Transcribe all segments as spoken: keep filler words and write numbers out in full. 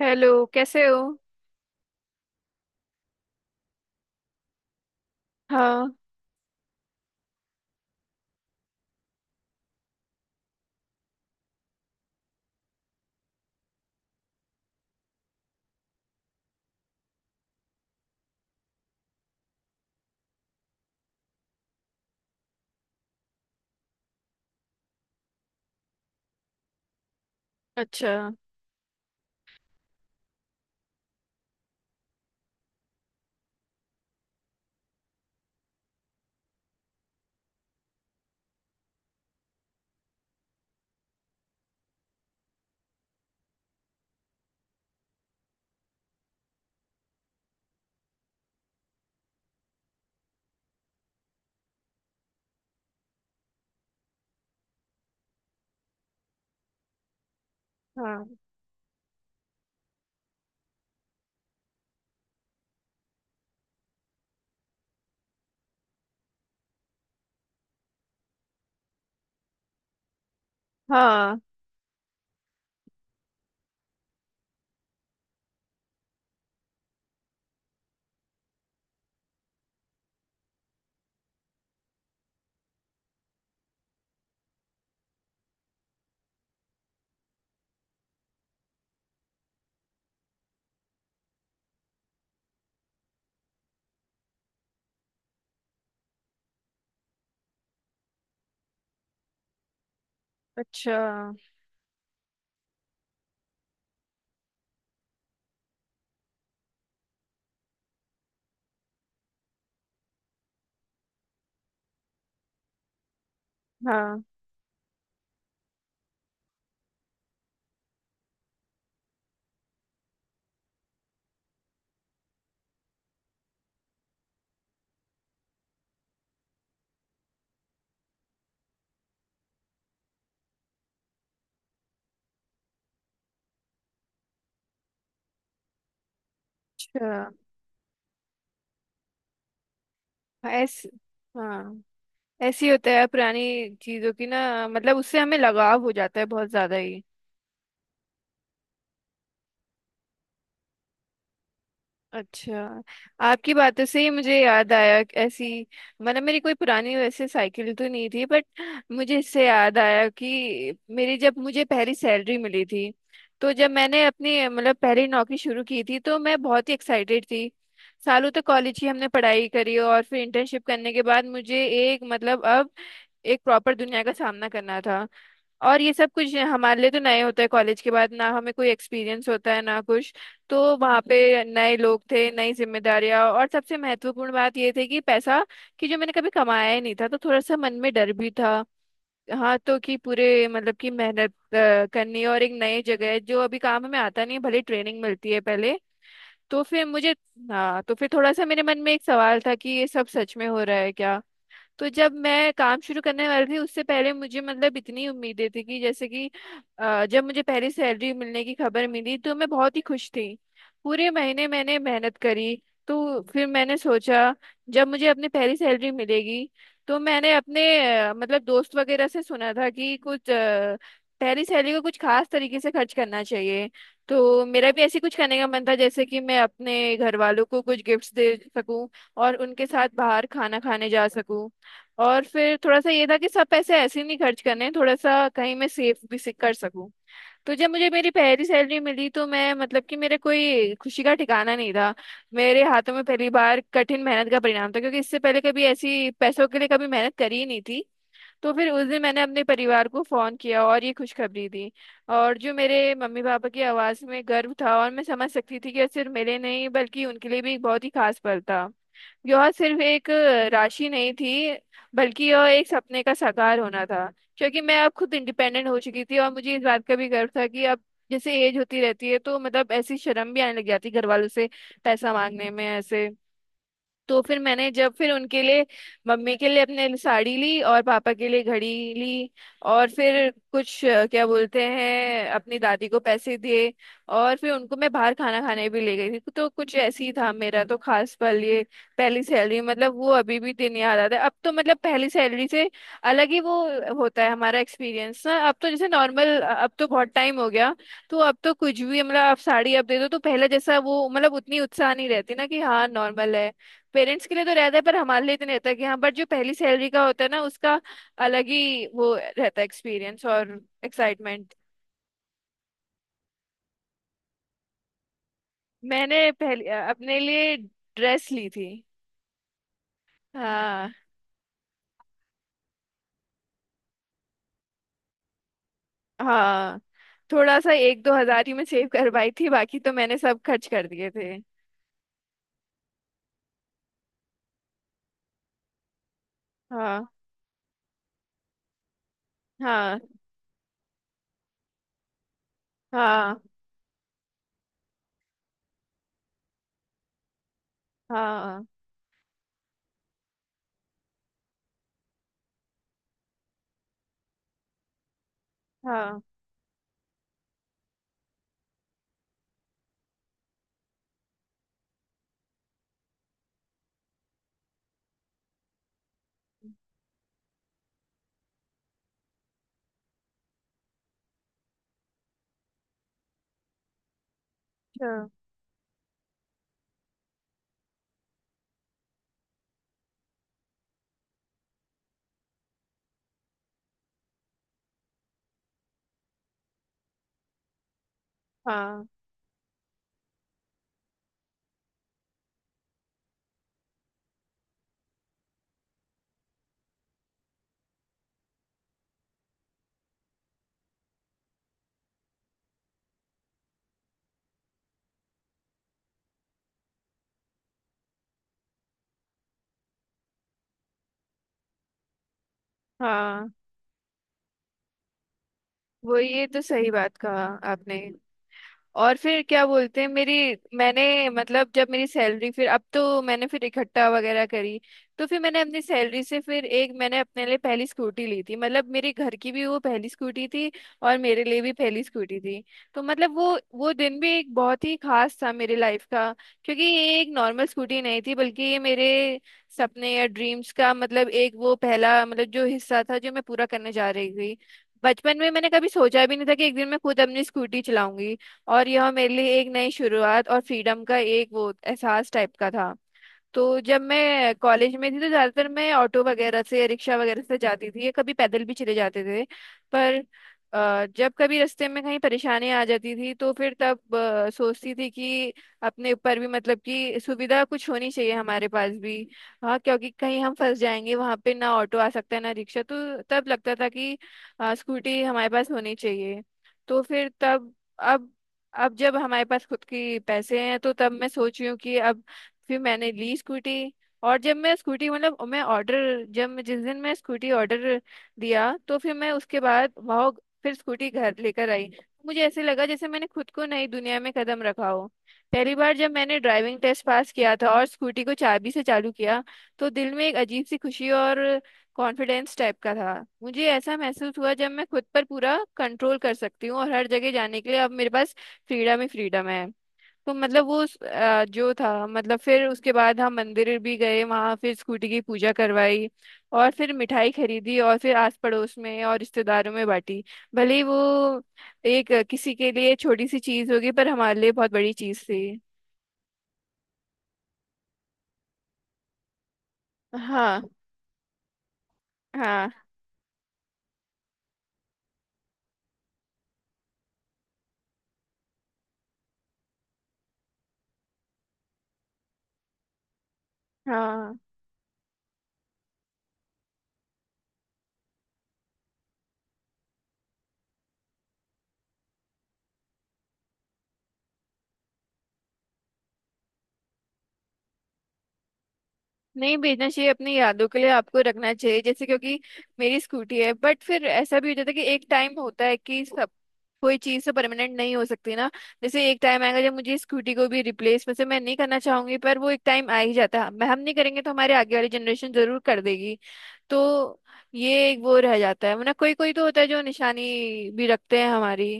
Hello, कैसे हो। हाँ। अच्छा। हाँ। हाँ। अच्छा। हाँ। अच्छा। ऐस हाँ। ऐसे ही होता है पुरानी चीजों की ना, मतलब उससे हमें लगाव हो जाता है बहुत ज्यादा ही। अच्छा, आपकी बातों से ही मुझे याद आया कि ऐसी, मतलब मेरी कोई पुरानी वैसे साइकिल तो नहीं थी, बट मुझे इससे याद आया कि मेरी, जब मुझे पहली सैलरी मिली थी, तो जब मैंने अपनी मतलब पहली नौकरी शुरू की थी, तो मैं बहुत ही एक्साइटेड थी। सालों तक कॉलेज ही हमने पढ़ाई करी और फिर इंटर्नशिप करने के बाद मुझे एक मतलब, अब एक प्रॉपर दुनिया का सामना करना था। और ये सब कुछ हमारे लिए तो नए होता है, कॉलेज के बाद ना हमें कोई एक्सपीरियंस होता है ना कुछ। तो वहाँ पे नए लोग थे, नई जिम्मेदारियां, और सबसे महत्वपूर्ण बात ये थी कि पैसा, कि जो मैंने कभी कमाया ही नहीं था, तो थोड़ा सा मन में डर भी था। हाँ, तो कि पूरे मतलब कि मेहनत अ, करनी है और एक नई जगह है जो अभी काम में आता नहीं है, भले ट्रेनिंग मिलती है पहले। तो फिर मुझे, हाँ, तो फिर थोड़ा सा मेरे मन में एक सवाल था कि ये सब सच में हो रहा है क्या। तो जब मैं काम शुरू करने वाली थी, उससे पहले मुझे मतलब इतनी उम्मीदें थी कि जैसे कि, अ, जब मुझे पहली सैलरी मिलने की खबर मिली, तो मैं बहुत ही खुश थी। पूरे महीने मैंने मेहनत करी। तो फिर मैंने सोचा, जब मुझे अपनी पहली सैलरी मिलेगी, तो मैंने अपने अ, मतलब दोस्त वगैरह से सुना था कि कुछ अ, पहली सैलरी को कुछ खास तरीके से खर्च करना चाहिए। तो मेरा भी ऐसे कुछ करने का मन था जैसे कि मैं अपने घर वालों को कुछ गिफ्ट्स दे सकूं और उनके साथ बाहर खाना खाने जा सकूं। और फिर थोड़ा सा ये था कि सब पैसे ऐसे ही नहीं खर्च करने, थोड़ा सा कहीं मैं सेव भी से कर सकूं। तो जब मुझे मेरी पहली सैलरी मिली, तो मैं मतलब कि मेरे कोई खुशी का ठिकाना नहीं था। मेरे हाथों में पहली बार कठिन मेहनत का परिणाम था, क्योंकि इससे पहले कभी ऐसी पैसों के लिए कभी मेहनत करी ही नहीं थी। तो फिर उस दिन मैंने अपने परिवार को फोन किया और ये खुशखबरी दी। और जो मेरे मम्मी पापा की आवाज़ में गर्व था, और मैं समझ सकती थी कि यह सिर्फ मेरे नहीं बल्कि उनके लिए भी एक बहुत ही खास पल था। यह सिर्फ एक राशि नहीं थी, बल्कि यह एक सपने का साकार होना था, क्योंकि मैं अब खुद इंडिपेंडेंट हो चुकी थी। और मुझे इस बात का भी गर्व था कि अब, जैसे एज होती रहती है तो मतलब ऐसी शर्म भी आने लग जाती घर वालों से पैसा मांगने में ऐसे। तो फिर मैंने, जब फिर उनके लिए, मम्मी के लिए, अपने लिए साड़ी ली और पापा के लिए घड़ी ली। और फिर कुछ अ, क्या बोलते हैं, अपनी दादी को पैसे दिए। और फिर उनको मैं बाहर खाना खाने भी ले गई थी। तो कुछ ऐसे ही था मेरा तो खास पल ये पहली सैलरी, मतलब वो अभी भी दिन याद आता है। अब तो मतलब पहली सैलरी से अलग ही वो होता है हमारा एक्सपीरियंस ना। अब तो जैसे नॉर्मल, अब तो बहुत टाइम हो गया। तो अब तो कुछ भी मतलब आप साड़ी अब दे दो तो पहले जैसा वो मतलब उतनी उत्साह नहीं रहती ना, कि हाँ नॉर्मल है। पेरेंट्स के लिए तो रहता है पर हमारे लिए इतने रहता है कि हाँ, बट जो पहली सैलरी का होता है ना उसका अलग ही वो रहता है एक्सपीरियंस और एक्साइटमेंट। मैंने पहले अपने लिए ड्रेस ली थी। हाँ। हाँ, थोड़ा सा एक दो हजार ही मैं सेव करवाई थी, बाकी तो मैंने सब खर्च कर दिए थे। हाँ। हाँ। हाँ। हाँ। हाँ। अच्छा। हाँ। हाँ, वो ये तो सही बात कहा आपने। और फिर क्या बोलते हैं मेरी, मैंने मतलब जब मेरी सैलरी फिर अब तो मैंने फिर इकट्ठा वगैरह करी। तो फिर मैंने अपनी सैलरी से फिर एक, मैंने अपने लिए पहली स्कूटी ली थी। मतलब मेरे घर की भी वो पहली स्कूटी थी और मेरे लिए भी पहली स्कूटी थी। तो मतलब वो वो दिन भी एक बहुत ही खास था मेरी लाइफ का, क्योंकि ये एक नॉर्मल स्कूटी नहीं थी बल्कि ये मेरे सपने या ड्रीम्स का मतलब एक वो पहला मतलब जो हिस्सा था जो मैं पूरा करने जा रही थी। बचपन में मैंने कभी सोचा भी नहीं था कि एक दिन मैं खुद अपनी स्कूटी चलाऊंगी, और यह मेरे लिए एक नई शुरुआत और फ्रीडम का एक वो एहसास टाइप का था। तो जब मैं कॉलेज में थी तो ज्यादातर मैं ऑटो वगैरह से, रिक्शा वगैरह से जाती थी, या कभी पैदल भी चले जाते थे। पर अ, जब कभी रास्ते में कहीं परेशानी आ जाती थी, तो फिर तब अ, सोचती थी कि अपने ऊपर भी मतलब कि सुविधा कुछ होनी चाहिए हमारे पास भी। हाँ, क्योंकि कहीं हम फंस जाएंगे वहां पे, ना ऑटो आ सकता है ना रिक्शा, तो तब लगता था कि अ, स्कूटी हमारे पास होनी चाहिए। तो फिर तब, अब अब जब हमारे पास खुद के पैसे हैं तो तब मैं सोच रही हूँ कि अब फिर मैंने ली स्कूटी। और जब मैं स्कूटी मतलब मैं ऑर्डर, जब मैं जिस दिन मैं स्कूटी ऑर्डर दिया, तो फिर मैं उसके बाद वहाँ फिर स्कूटी घर लेकर आई। मुझे ऐसे लगा जैसे मैंने खुद को नई दुनिया में कदम रखा हो। पहली बार जब मैंने ड्राइविंग टेस्ट पास किया था और स्कूटी को चाबी से चालू किया, तो दिल में एक अजीब सी खुशी और कॉन्फिडेंस टाइप का था। मुझे ऐसा महसूस हुआ जब मैं खुद पर पूरा कंट्रोल कर सकती हूँ और हर जगह जाने के लिए अब मेरे पास फ्रीडम ही फ्रीडम है। तो मतलब वो उस, अ, जो था मतलब फिर उसके बाद हम मंदिर भी गए, वहां फिर स्कूटी की पूजा करवाई और फिर मिठाई खरीदी और फिर आस पड़ोस में और रिश्तेदारों में बांटी। भले ही वो एक अ, किसी के लिए छोटी सी चीज होगी पर हमारे लिए बहुत बड़ी चीज थी। हाँ। हाँ। हाँ, नहीं भेजना चाहिए, अपनी यादों के लिए आपको रखना चाहिए। जैसे क्योंकि मेरी स्कूटी है, बट फिर ऐसा भी हो जाता है कि एक टाइम होता है कि सब, कोई चीज़ तो परमानेंट नहीं हो सकती ना। जैसे एक टाइम आएगा जब मुझे स्कूटी को भी रिप्लेस, वैसे मैं नहीं करना चाहूंगी पर वो एक टाइम आ ही जाता है। मैं, हम नहीं करेंगे तो हमारे आगे वाली जनरेशन जरूर कर देगी। तो ये एक वो रह जाता है, वरना कोई कोई तो होता है जो निशानी भी रखते हैं हमारी।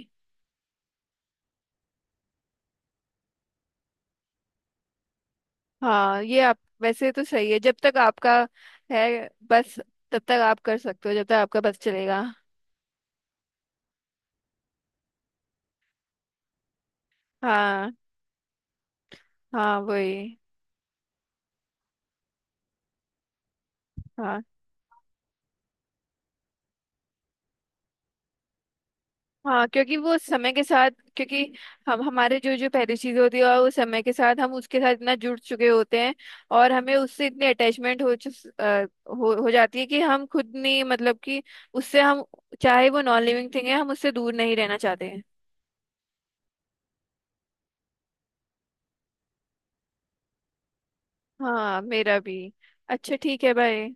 हाँ, ये आप वैसे तो सही है, जब तक आपका है बस, तब तक आप कर सकते हो, जब तक आपका बस चलेगा। हाँ। हाँ, वही। हाँ। हाँ, क्योंकि वो समय के साथ, क्योंकि हम, हमारे जो जो पहली चीज होती है वो समय के साथ हम उसके साथ इतना जुड़ चुके होते हैं, और हमें उससे इतनी अटैचमेंट हो, चुस- अ, हो हो जाती है कि हम खुद नहीं मतलब कि उससे हम, चाहे वो नॉन लिविंग थिंग है, हम उससे दूर नहीं रहना चाहते हैं। हाँ, मेरा भी। अच्छा, ठीक है, बाय।